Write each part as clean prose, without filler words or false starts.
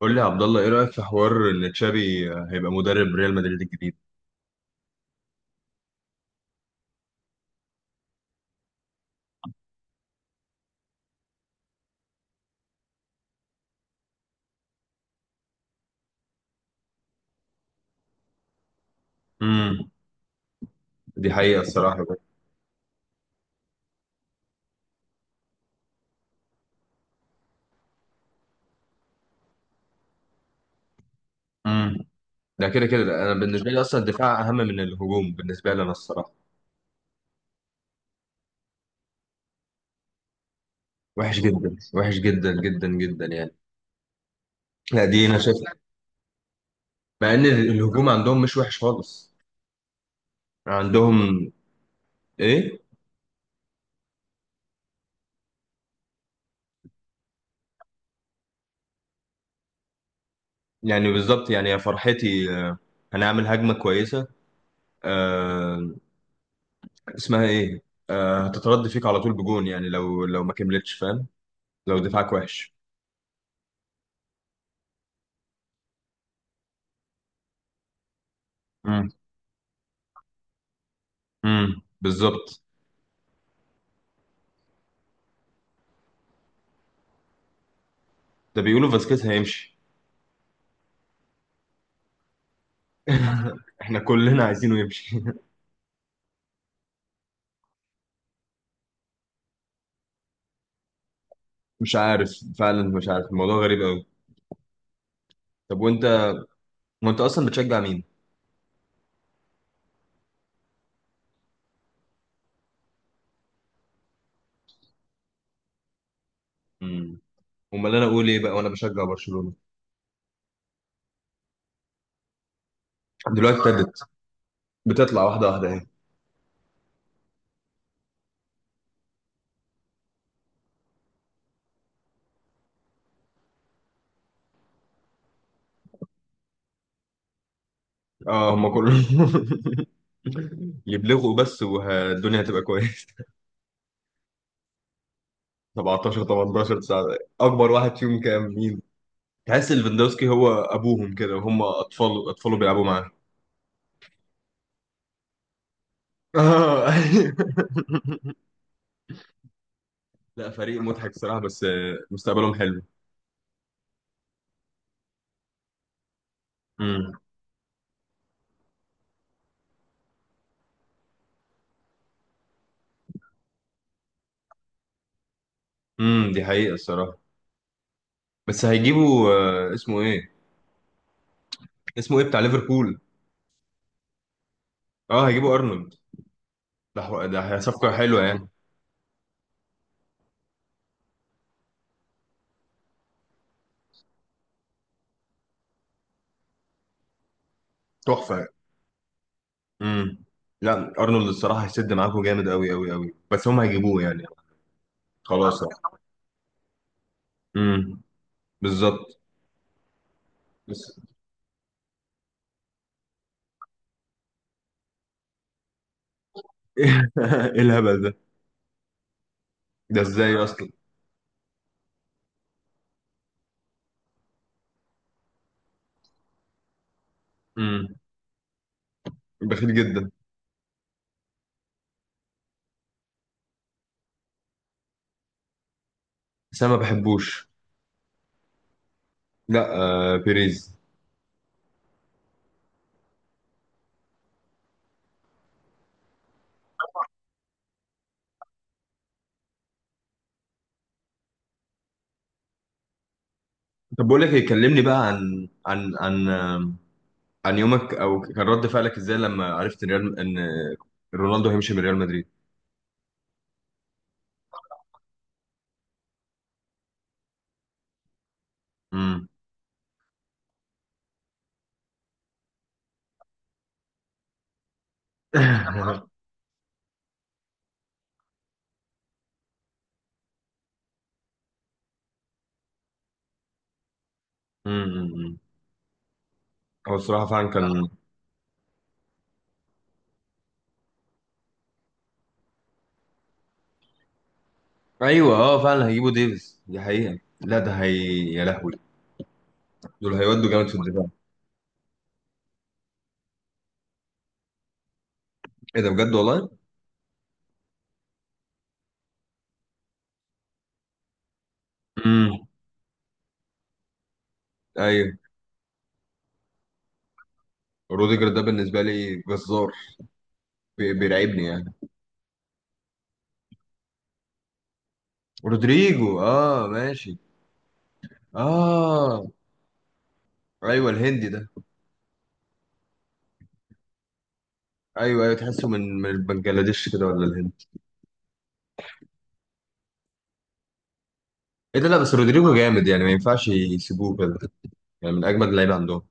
قول لي يا عبد الله، ايه رايك في حوار ان تشابي هيبقى مدرب ريال مدريد الجديد؟ امم دي حقيقه الصراحه بقى. امم ده كده كده ده. انا بالنسبه لي اصلا الدفاع اهم من الهجوم بالنسبه لي انا الصراحه. وحش جدا، وحش جدا جدا جدا يعني. لا، دي انا شايف. مع ان الهجوم عندهم مش وحش خالص. عندهم. ايه. يعني بالظبط، يعني يا فرحتي، هنعمل هجمه كويسه. آه. اسمها ايه؟ هتترد فيك على طول بجون، يعني لو ما كملتش، فاهم؟ لو دفاعك وحش. بالظبط. ده بيقولوا فاسكيز هيمشي. احنا كلنا عايزينه يمشي. مش عارف. فعلا مش عارف، الموضوع غريب قوي. طب وانت. وانت اصلا بتشجع مين؟ امم. امال انا اقول ايه بقى وانا بشجع برشلونة؟ دلوقتي ابتدت. بتطلع واحده واحده اهي. اه، هم كلهم. يبلغوا بس والدنيا هتبقى كويسه. 17 18 9. اكبر واحد فيهم كام، مين؟ تحس ليفاندوسكي هو ابوهم كده، وهم اطفال، اطفاله بيلعبوا معاه. اه. لا، فريق مضحك صراحة، بس مستقبلهم حلو. امم. دي حقيقة الصراحة. بس هيجيبوا. اسمه ايه؟ اسمه ايه بتاع ليفربول؟ اه، هيجيبوا ارنولد. ده صفقة حلوة يعني. تحفة. امم. لا. ارنولد الصراحة هيسد معاكم جامد، قوي قوي قوي، بس هم هيجيبوه يعني؟ خلاص. امم. بالظبط. بس. ايه الهبل ده؟ ده ازاي اصلا؟ امم. بخيل جدا. بس انا ما بحبوش. لا. بيريز. طب بقول لك إيه، كلمني بقى عن يومك، او كان رد فعلك ازاي لما عرفت ان ريال ان رونالدو هيمشي من ريال مدريد. امم. امم. هو الصراحه فعلا كان. ايوه، اه، فعلا هيجيبوا ديفيز، دي حقيقه، لا ده هي. يا لهوي. دول هيودوا جامد في الدفاع. ايه ده، بجد والله؟ امم. ايوه. روديجر ده بالنسبه لي جزار. بيرعبني يعني. رودريجو، اه، ماشي. اه. ايوه، الهندي ده. ايوه، ايوه، تحسه من بنجلاديش كده ولا الهند؟ ايه ده، لا بس رودريجو جامد يعني، ما ينفعش يسيبوه كده. يعني من اجمد اللعيبه عندهم.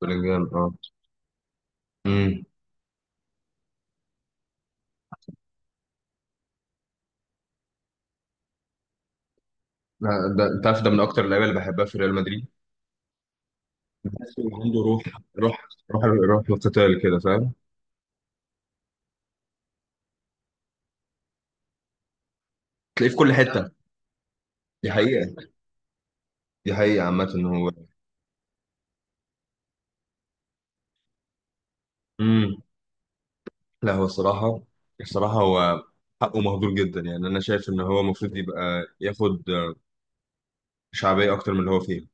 بلينجهام، اه. امم. لا، ده انت عارف، ده من اكتر اللعيبه اللي بحبها في ريال مدريد. بحس إن عنده روح. روح، روح، روح القتال كده، فاهم؟ تلاقيه في كل حته. دي حقيقه. دي حقيقه عامه ان هو. امم. لا، هو الصراحه. الصراحه هو. حقه مهدور جدا يعني، انا شايف ان هو المفروض يبقى، ياخد شعبيه اكتر من اللي هو فيه.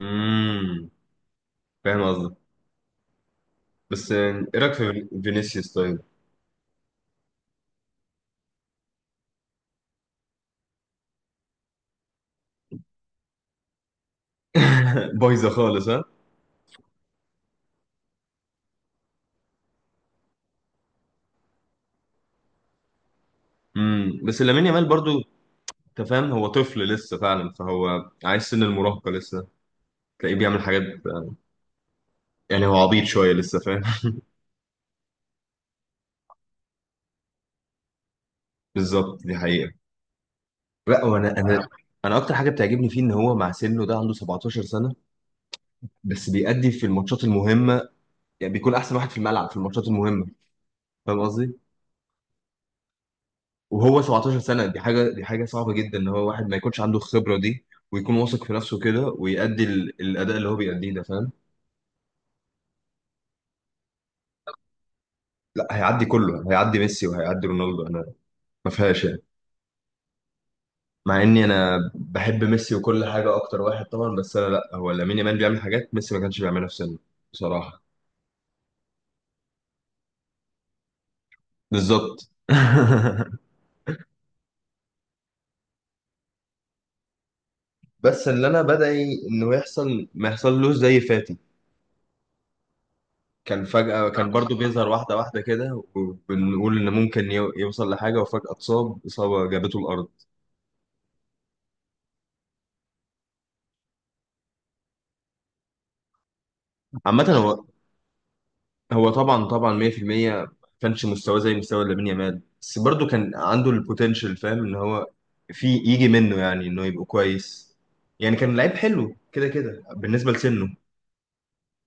امم. فاهم قصدك. بس ايه رايك في فينيسيوس طيب؟ بايظه خالص، ها. بس لامين يامال برضو. انت فاهم، هو طفل لسه فعلا، فهو عايز سن المراهقه لسه. تلاقيه بيعمل حاجات. يعني هو عبيط شويه لسه، فاهم؟ بالظبط، دي حقيقه. لا، وانا انا اكتر حاجه بتعجبني فيه ان هو مع سنه ده عنده 17 سنه. بس بيأدي في الماتشات المهمه. يعني بيكون احسن واحد في الملعب في الماتشات المهمه. فاهم قصدي. وهو 17 سنه، دي حاجه صعبه جدا ان هو واحد ما يكونش عنده الخبره دي، ويكون واثق في نفسه كده ويأدي الاداء اللي هو بيأديه ده، فاهم؟ لا، هيعدي كله، هيعدي ميسي وهيعدي رونالدو، انا. ما فيهاش يعني. مع اني انا بحب ميسي وكل حاجه اكتر واحد طبعا، بس انا، لا، هو لامين يامال بيعمل حاجات ميسي ما كانش بيعملها في سنه. بصراحه. بالظبط. بس اللي انا بدعي انه يحصل ما يحصلوش زي فاتي. كان برضو بيظهر واحدة واحدة كده وبنقول إن ممكن يوصل لحاجة، وفجأة اتصاب إصابة جابته الأرض. عامة هو، هو طبعا طبعا 100%، ما كانش مستواه زي مستوى لامين يامال، بس برضه كان عنده البوتنشال، فاهم ان هو في يجي منه يعني انه يبقى كويس. يعني كان لعيب حلو كده كده بالنسبه لسنه.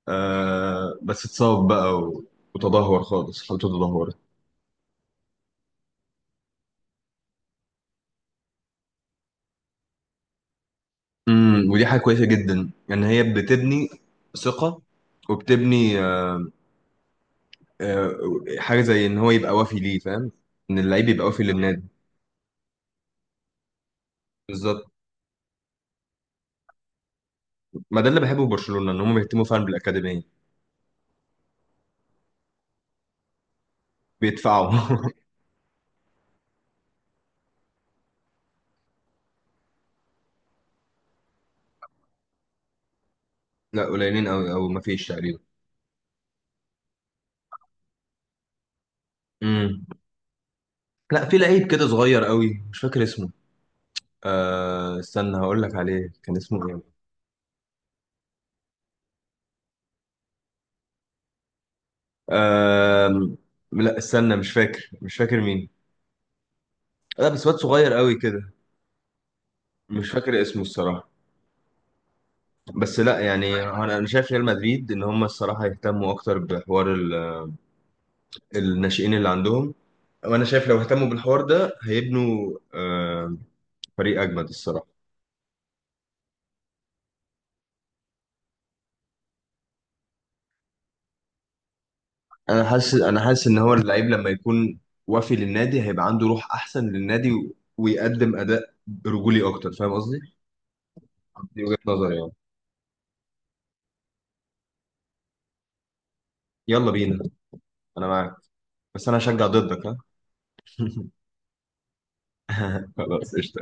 بس اتصاب بقى وتدهور خالص، حالته تدهورت. ودي حاجه كويسه جدا ان هي بتبني ثقه، وبتبني آه، حاجه زي ان هو يبقى وافي ليه، فاهم؟ ان اللعيب يبقى وافي للنادي. بالظبط. ما ده اللي بحبه في برشلونه، ان هم بيهتموا فعلا بالاكاديميه. بيدفعوا. لا، قليلين قوي او مفيش تقريبا. امم. لا، في لعيب كده صغير قوي، مش فاكر اسمه. استنى هقول لك عليه، كان اسمه ايه؟ آه لا، استنى، مش فاكر مين. لا بس واد صغير قوي كده. مش فاكر اسمه الصراحة. بس لا يعني انا شايف ريال مدريد ان هم الصراحة يهتموا اكتر بحوار الناشئين اللي عندهم. وانا شايف لو اهتموا بالحوار ده هيبنوا فريق اجمد الصراحة. انا حاسس ان هو اللعيب لما يكون وافي للنادي هيبقى عنده روح احسن للنادي ويقدم اداء رجولي اكتر، فاهم قصدي. دي وجهة نظري يعني. يلا بينا. انا معاك. بس انا هشجع ضدك، ها. خلاص، قشطة.